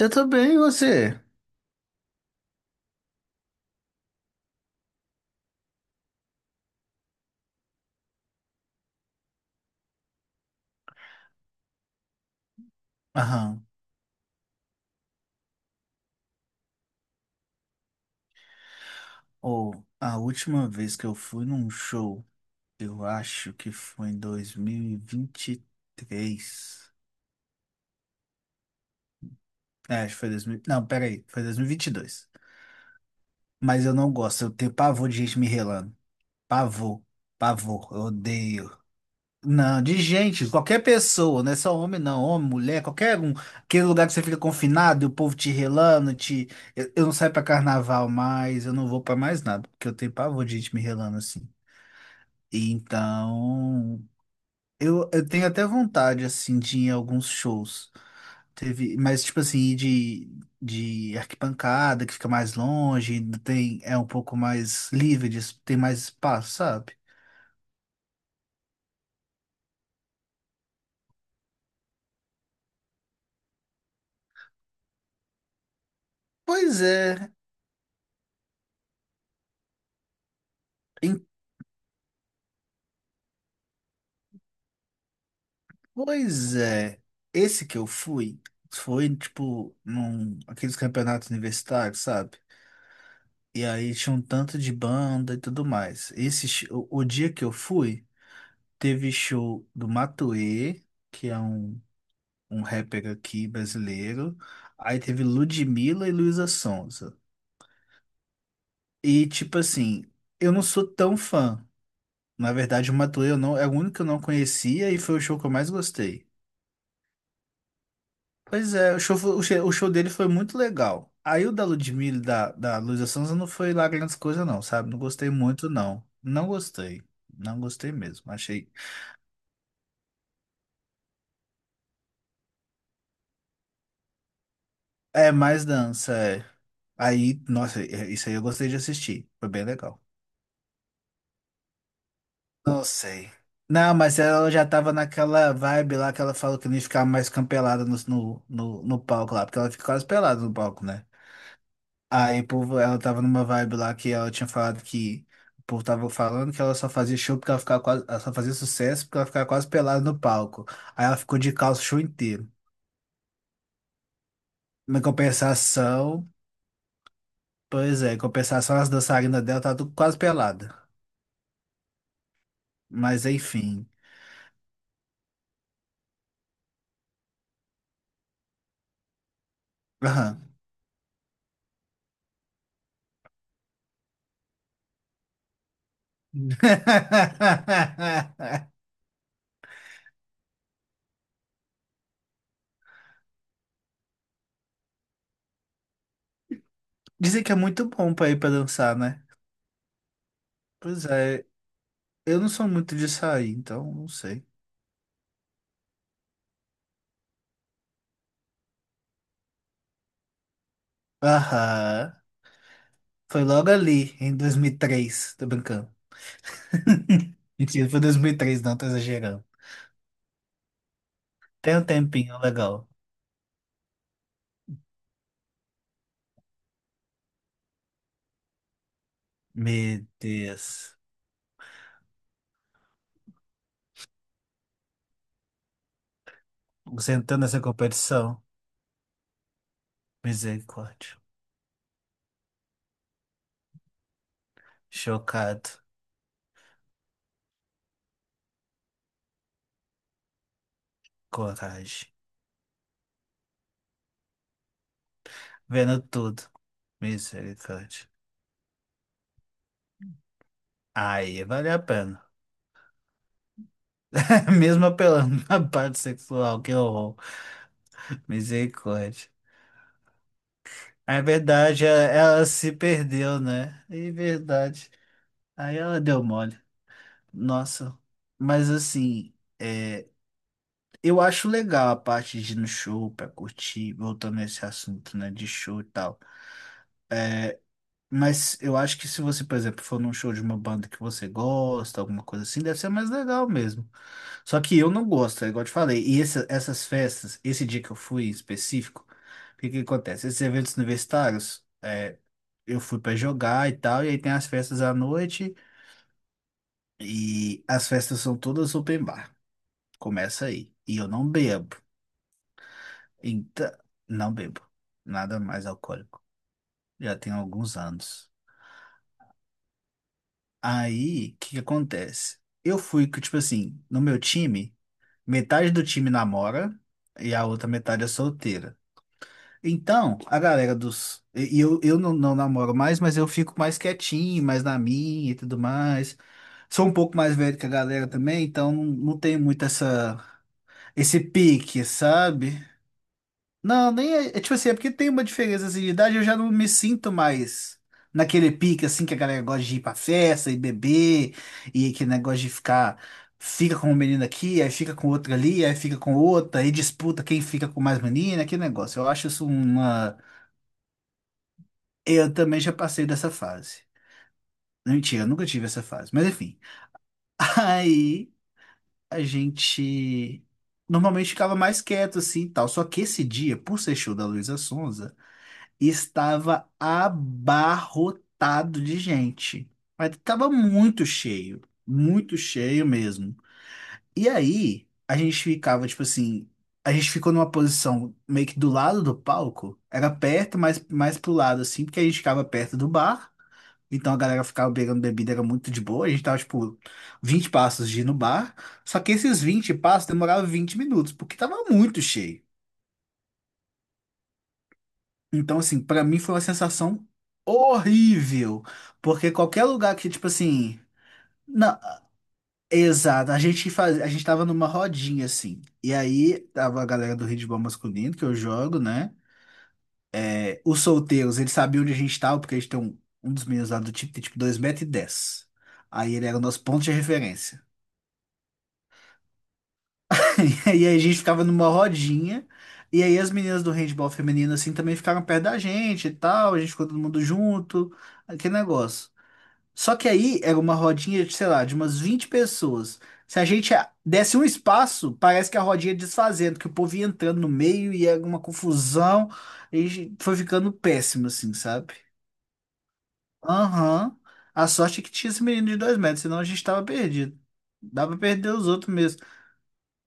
Eu tô bem, e você? Aham. Ou a última vez que eu fui num show, eu acho que foi em 2023. É, acho que foi 2000. Não, peraí, foi 2022. Mas eu não gosto, eu tenho pavor de gente me relando. Pavor, pavor, eu odeio. Não, de gente, qualquer pessoa, não é só homem, não, homem, mulher, qualquer um. Aquele lugar que você fica confinado e o povo te relando, te. Eu não saio pra carnaval mais, eu não vou pra mais nada, porque eu tenho pavor de gente me relando assim. Então, eu tenho até vontade, assim, de ir em alguns shows. Teve, mas, tipo assim, ir de arquibancada, que fica mais longe, ainda tem, é um pouco mais livre, tem mais espaço, sabe? Pois é, em- Pois é. Esse que eu fui, foi, tipo, aqueles campeonatos universitários, sabe? E aí tinha um tanto de banda e tudo mais. O dia que eu fui, teve show do Matuê, que é um rapper aqui brasileiro. Aí teve Ludmilla e Luísa Sonza. E tipo assim, eu não sou tão fã. Na verdade, o Matuê eu não, é o único que eu não conhecia e foi o show que eu mais gostei. Pois é, o show, foi- o show dele foi muito legal. Aí o da Ludmilla e da Luísa Sonza não foi lá grandes coisas não, sabe? Não gostei muito não. Não gostei. Não gostei mesmo. Achei. É mais dança, é. Aí, nossa, isso aí eu gostei de assistir. Foi bem legal. Não sei. Não, mas ela já tava naquela vibe lá que ela falou que não ia ficar mais campelada no palco lá, porque ela fica quase pelada no palco, né? Aí o povo, ela tava numa vibe lá que ela tinha falado que o povo tava falando que ela só fazia show porque ela ficava quase, ela só fazia sucesso porque ela ficava quase pelada no palco. Aí ela ficou de calça o show inteiro. Em compensação, pois é, em compensação as dançarinas dela tá tudo quase pelada. Mas enfim. Aham. Dizem que é muito bom pra ir pra dançar, né? Pois é, eu não sou muito de sair, então não sei. Aham. Foi logo ali, em 2003. Tô brincando. Mentira, foi 2003, não, tô exagerando. Tem um tempinho legal. Meu Deus. Você entrou nessa competição? Misericórdia. Chocado. Coragem. Vendo tudo. Misericórdia. Aí, vale a pena. Mesmo apelando na parte sexual, que horror. Misericórdia. É verdade, ela se perdeu, né? É verdade. Aí ela deu mole. Nossa. Mas assim, é, eu acho legal a parte de ir no show pra curtir, voltando nesse assunto, né? De show e tal. Mas eu acho que se você, por exemplo, for num show de uma banda que você gosta, alguma coisa assim, deve ser mais legal mesmo. Só que eu não gosto, é igual eu te falei. E essas festas, esse dia que eu fui em específico, o que que acontece? Esses eventos universitários. Eu fui pra jogar e tal, e aí tem as festas à noite, e as festas são todas open bar. Começa aí. E eu não bebo. Então, não bebo. Nada mais alcoólico. Já tem alguns anos. Aí, o que que acontece? Eu fui, que, tipo assim, no meu time, metade do time namora e a outra metade é solteira. Então, a galera dos. E eu não, não namoro mais, mas eu fico mais quietinho, mais na minha e tudo mais. Sou um pouco mais velho que a galera também, então não tenho muito essa, esse pique, sabe? Não, nem é tipo assim, é porque tem uma diferença assim, de idade, eu já não me sinto mais naquele pique assim que a galera gosta de ir pra festa e beber, e aquele negócio de ficar, fica com um menino aqui, aí fica com outro ali, aí fica com outra, e disputa quem fica com mais menina, aquele negócio. Eu acho isso uma. Eu também já passei dessa fase. Mentira, eu nunca tive essa fase, mas enfim. Aí, a gente normalmente ficava mais quieto assim e tal. Só que esse dia, por ser show da Luísa Sonza, estava abarrotado de gente. Mas estava muito cheio mesmo. E aí, a gente ficava tipo assim, a gente ficou numa posição meio que do lado do palco, era perto, mas mais pro lado assim, porque a gente ficava perto do bar. Então a galera ficava beirando bebida, era muito de boa. A gente tava, tipo, 20 passos de ir no bar. Só que esses 20 passos demoravam 20 minutos, porque tava muito cheio. Então, assim, pra mim foi uma sensação horrível. Porque qualquer lugar que, tipo assim. Não, exato. A gente faz, a gente tava numa rodinha, assim. E aí tava a galera do handebol masculino, que eu jogo, né? É, os solteiros, eles sabiam onde a gente tava, porque a gente tem um dos meninos lá do time, tem tipo dois metros e dez. Aí ele era o nosso ponto de referência. E aí a gente ficava numa rodinha. E aí as meninas do handball feminino, assim, também ficaram perto da gente e tal. A gente ficou todo mundo junto. Aquele negócio. Só que aí era uma rodinha, de, sei lá, de umas 20 pessoas. Se a gente desse um espaço, parece que a rodinha ia desfazendo, que o povo ia entrando no meio e era uma confusão. E a gente foi ficando péssimo, assim, sabe? Aham. A sorte é que tinha esse menino de 2 metros, senão a gente tava perdido. Dá pra perder os outros mesmo.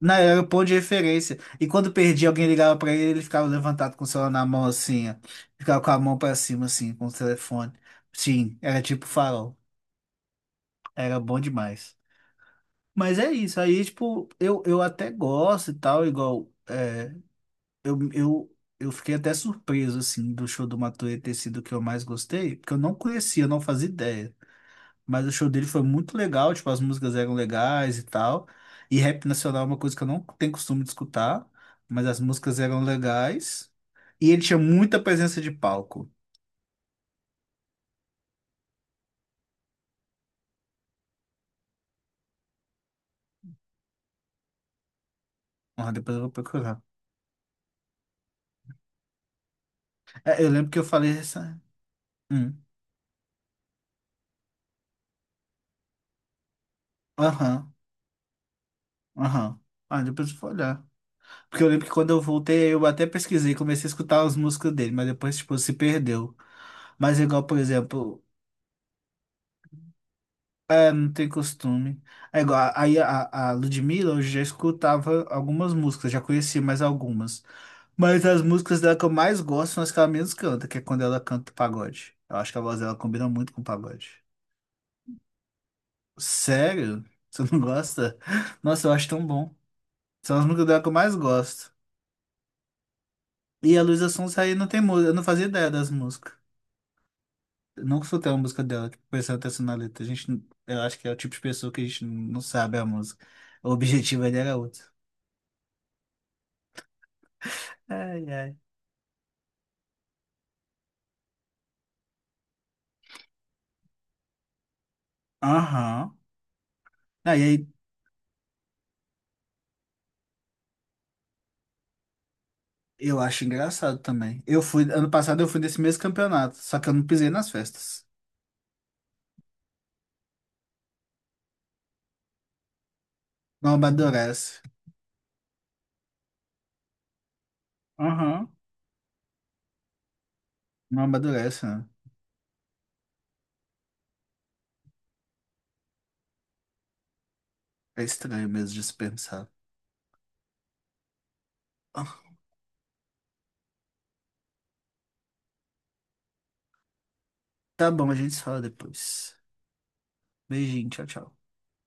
Não, era o ponto de referência. E quando perdia, alguém ligava pra ele, ele ficava levantado com o celular na mão, assim, ó. Ficava com a mão pra cima, assim, com o telefone. Sim, era tipo farol. Era bom demais. Mas é isso. Aí, tipo, eu até gosto e tal, igual. Eu fiquei até surpreso, assim, do show do Matuê ter sido o que eu mais gostei, porque eu não conhecia, eu não fazia ideia. Mas o show dele foi muito legal, tipo, as músicas eram legais e tal. E rap nacional é uma coisa que eu não tenho costume de escutar, mas as músicas eram legais. E ele tinha muita presença de palco. Ah, depois eu vou procurar. É, eu lembro que eu falei essa. Hum. Aham, aham. Ah, depois eu vou olhar. Porque eu lembro que quando eu voltei, eu até pesquisei, comecei a escutar as músicas dele, mas depois, tipo, se perdeu. Mas igual, por exemplo. Eu não tenho costume. É igual, aí a Ludmilla, eu já escutava algumas músicas, já conhecia mais algumas. Mas as músicas dela que eu mais gosto são as que ela menos canta, que é quando ela canta pagode. Eu acho que a voz dela combina muito com pagode. Sério? Você não gosta? Nossa, eu acho tão bom. São as músicas dela que eu mais gosto. E a Luísa Sonza aí não tem música, eu não fazia ideia das músicas. Eu nunca escutei uma música dela, tipo, prestando atenção na letra. A gente, eu acho que é o tipo de pessoa que a gente não sabe a música. O objetivo ali era outro. Ai, ai. Aham. Aí, eu acho engraçado também. Eu fui, ano passado eu fui nesse mesmo campeonato, só que eu não pisei nas festas. Não amadurece. Aham. Não amadurece, né? É estranho mesmo de se pensar. Ah, tá bom, a gente se fala depois. Beijinho, tchau, tchau.